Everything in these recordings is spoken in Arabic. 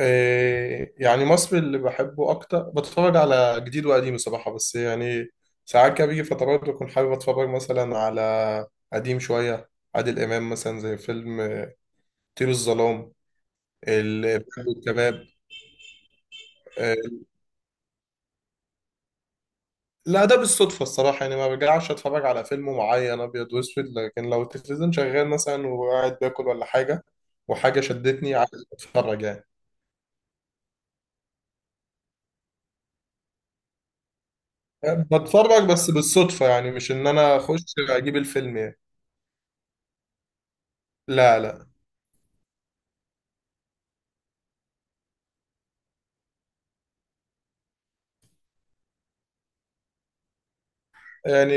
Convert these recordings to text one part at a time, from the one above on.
إيه، يعني مصري اللي بحبه اكتر بتفرج على جديد وقديم الصراحه، بس يعني ساعات كده بيجي فترات بكون حابب اتفرج مثلا على قديم شويه، عادل امام مثلا زي فيلم طير الظلام، الإرهاب والكباب. إيه، لا ده بالصدفه الصراحه، يعني ما برجعش اتفرج على فيلم معين ابيض واسود، لكن لو التلفزيون شغال مثلا وقاعد باكل ولا حاجه وحاجه شدتني عايز اتفرج يعني. بتفرج بس بالصدفه، يعني مش ان انا اخش اجيب الفيلم يعني. لا لا. يعني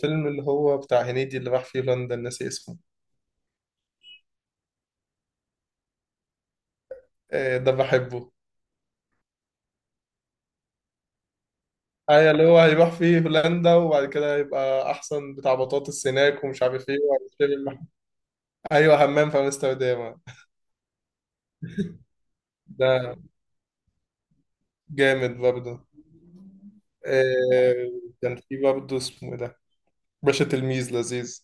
فيلم اللي هو بتاع هنيدي اللي راح فيه هولندا ناسي اسمه. آه، ده بحبه. أيوة اللي هو هيروح فيه هولندا وبعد كده هيبقى أحسن بتاع بطاطس هناك ومش عارف إيه وهيشتري الم-. أيوة همام في أمستردام. ده جامد برضه. آه، كان في برضه اسمه إيه ده، باشا تلميذ لذيذ.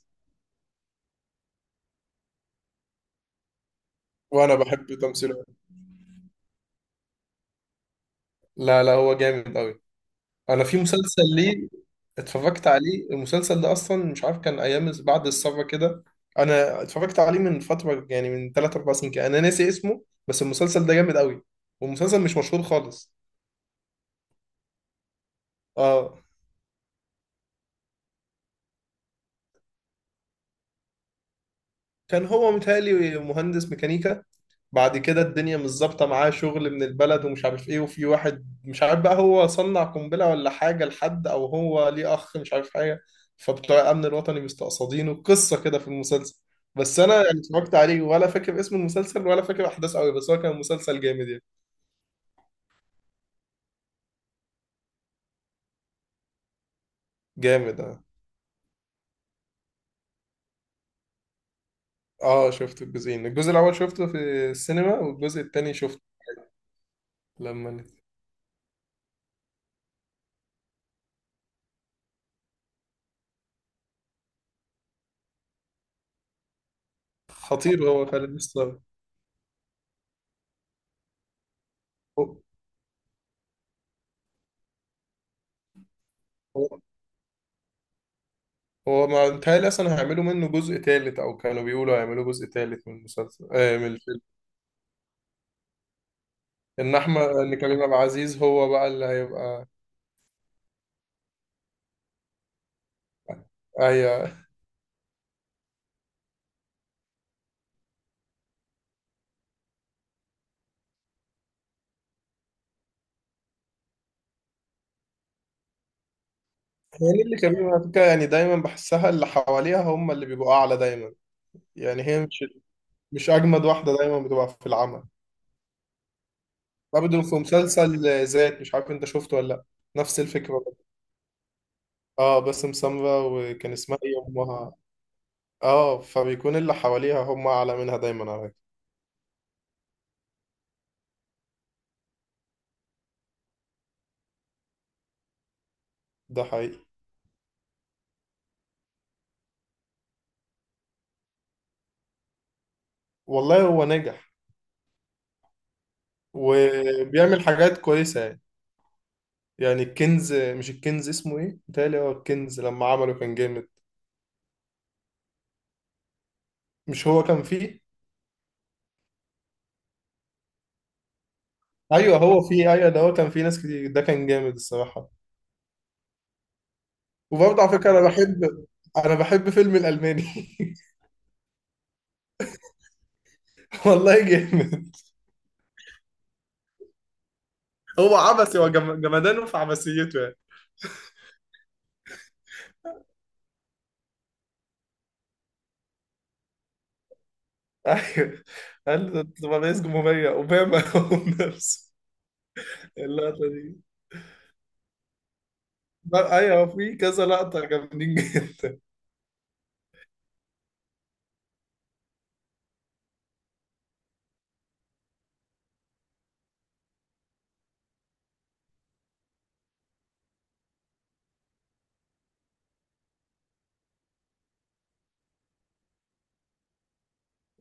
وأنا بحب تمثيله. لا لا هو جامد أوي. انا في مسلسل ليه اتفرجت عليه، المسلسل ده اصلا مش عارف كان ايام بعد الثوره كده. انا اتفرجت عليه من فتره، يعني من 3 4 سنين كده، انا ناسي اسمه بس المسلسل ده جامد قوي، والمسلسل مش مشهور خالص. اه. كان هو متهيألي مهندس ميكانيكا، بعد كده الدنيا مش ظابطه معاه شغل من البلد ومش عارف ايه، وفي واحد مش عارف بقى هو صنع قنبله ولا حاجه لحد او هو ليه اخ مش عارف حاجه، فبتوع الامن الوطني مستقصدينه قصه كده في المسلسل. بس انا يعني اتفرجت عليه ولا فاكر اسم المسلسل ولا فاكر احداثه قوي، بس هو كان مسلسل جامد يعني. جامد اه. اه شفت الجزئين، الجزء الاول شفته في السينما والجزء التاني شفته لما نزل. خطير هو فعلا لسه. هو ما متهيألي أصلا هيعملوا منه جزء تالت، أو كانوا بيقولوا هيعملوا جزء تالت من المسلسل من الفيلم. إن أحمد إن كريم عبد العزيز هو بقى اللي هيبقى. أيوه. يعني اللي كريم على فكرة يعني دايما بحسها اللي حواليها هم اللي بيبقوا أعلى دايما، يعني هي مش أجمد واحدة دايما بتبقى في العمل. برضه في مسلسل ذات مش عارف أنت شفته ولا لأ. نفس الفكرة برضه. اه باسم سمرة، وكان اسمها إيه أمها. اه فبيكون اللي حواليها هم أعلى منها دايما على فكرة. ده حقيقي. والله هو نجح وبيعمل حاجات كويسة يعني. يعني الكنز، مش الكنز اسمه ايه؟ بيتهيألي هو الكنز لما عمله كان جامد. مش هو كان فيه؟ ايوه هو فيه، ايوه ده هو كان فيه ناس كتير، ده كان جامد الصراحة. وبرضه على فكرة انا بحب فيلم الألماني. والله جامد. هو عبثي، هو جمدانه في عبثيته يعني. ايوه. قال له تبقى رئيس جمهورية اوباما هو نفسه. اللقطة دي. لا، ايوه في كذا لقطة جامدين جدا.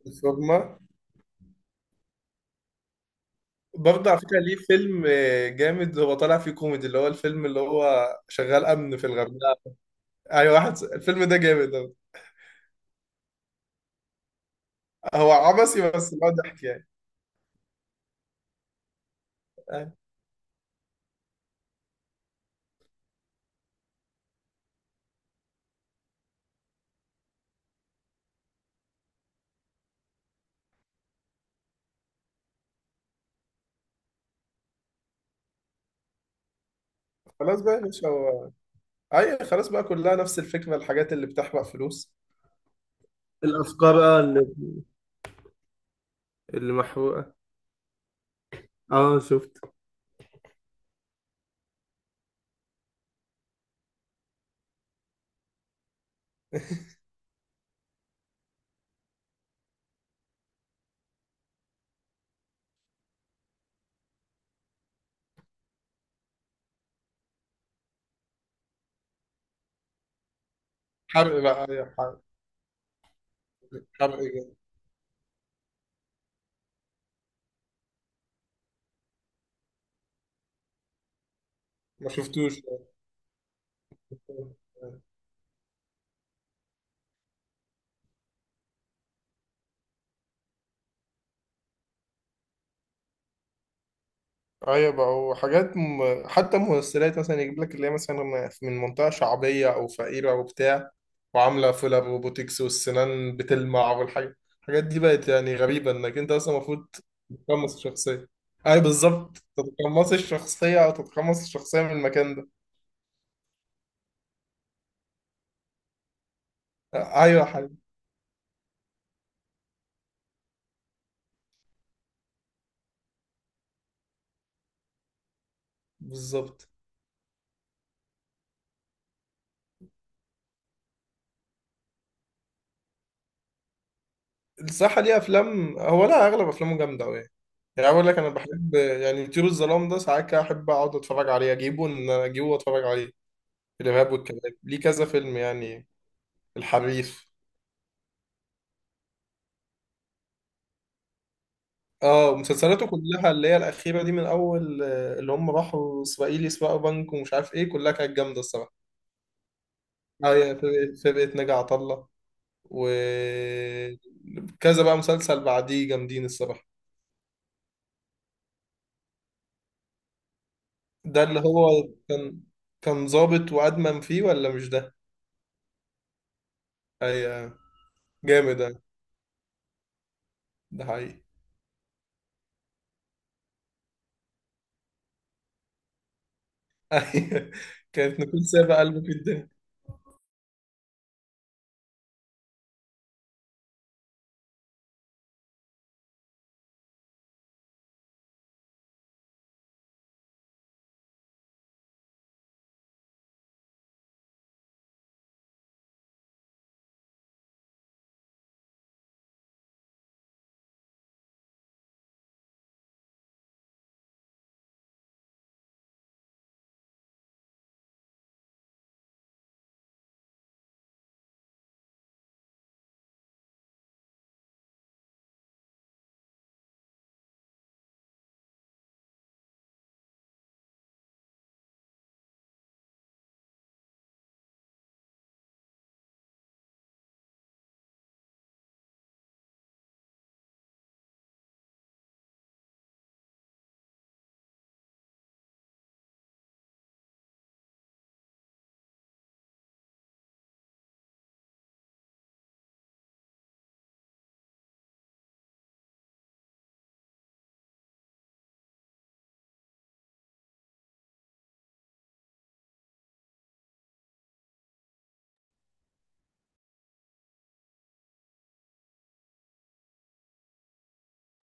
الفورمة. برضه على فكرة ليه فيلم جامد، هو طالع فيه كوميدي، اللي هو الفيلم اللي هو شغال أمن في الغردقة. أيوة واحد، الفيلم ده جامد أوي. هو عبثي بس هو ضحك يعني. أيوة. خلاص بقى يا باشا هو، أيوة خلاص بقى كلها نفس الفكرة، الحاجات اللي بتحرق فلوس. الافكار اه اللي اللي محروقه. اه شفت. حرق بقى، أيوة حرق. حرق جامد. ما شفتوش. ايوه بقى وحاجات حتى ممثلات مثلا يجيب لك اللي هي مثلا من منطقه شعبيه او فقيره وبتاع، وعامله فيلر وبوتكس والسنان بتلمع، والحاجات الحاجات دي بقت يعني غريبه، انك انت اصلا المفروض تتقمص الشخصيه. ايوه بالظبط، تتقمص الشخصيه او تتقمص الشخصيه من المكان ده. ايوه يا حبيبي. بالظبط. الصح ليه افلام هو، لا اغلب افلامه جامده قوي يعني. يعني اقول لك انا بحب يعني طيور الظلام ده، ساعات كده احب اقعد اتفرج عليه اجيبه ان انا اجيبه واتفرج عليه. الإرهاب والكباب، ليه كذا فيلم يعني، الحريف. اه مسلسلاته كلها اللي هي الأخيرة دي من أول اللي هم راحوا إسرائيل يسرقوا بنك ومش عارف إيه، كلها كانت جامدة الصراحة. اه يعني فرقة ناجي عطا الله، وكذا بقى مسلسل بعديه جامدين الصراحة. ده اللي هو كان، كان ظابط وأدمن فيه ولا مش ده؟ أيوه. جامد ده، ده حقيقي. أيوه. كانت نكون سابق قلبه في الدنيا.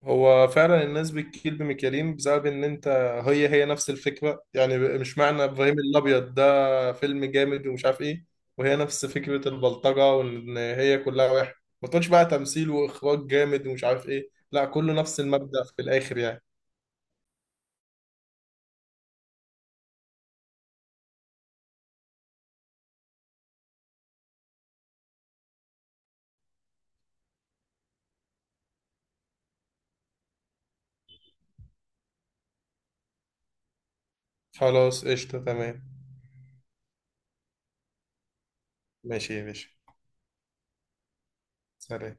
هو فعلا الناس بتكيل بميكالين بسبب ان انت، هي هي نفس الفكره يعني، مش معنى ابراهيم الابيض ده فيلم جامد ومش عارف ايه، وهي نفس فكره البلطجه، وان هي كلها واحد، ما تقولش بقى تمثيل واخراج جامد ومش عارف ايه، لا كله نفس المبدأ في الاخر يعني. خلاص قشطه تمام. ماشي يا باشا. سلام.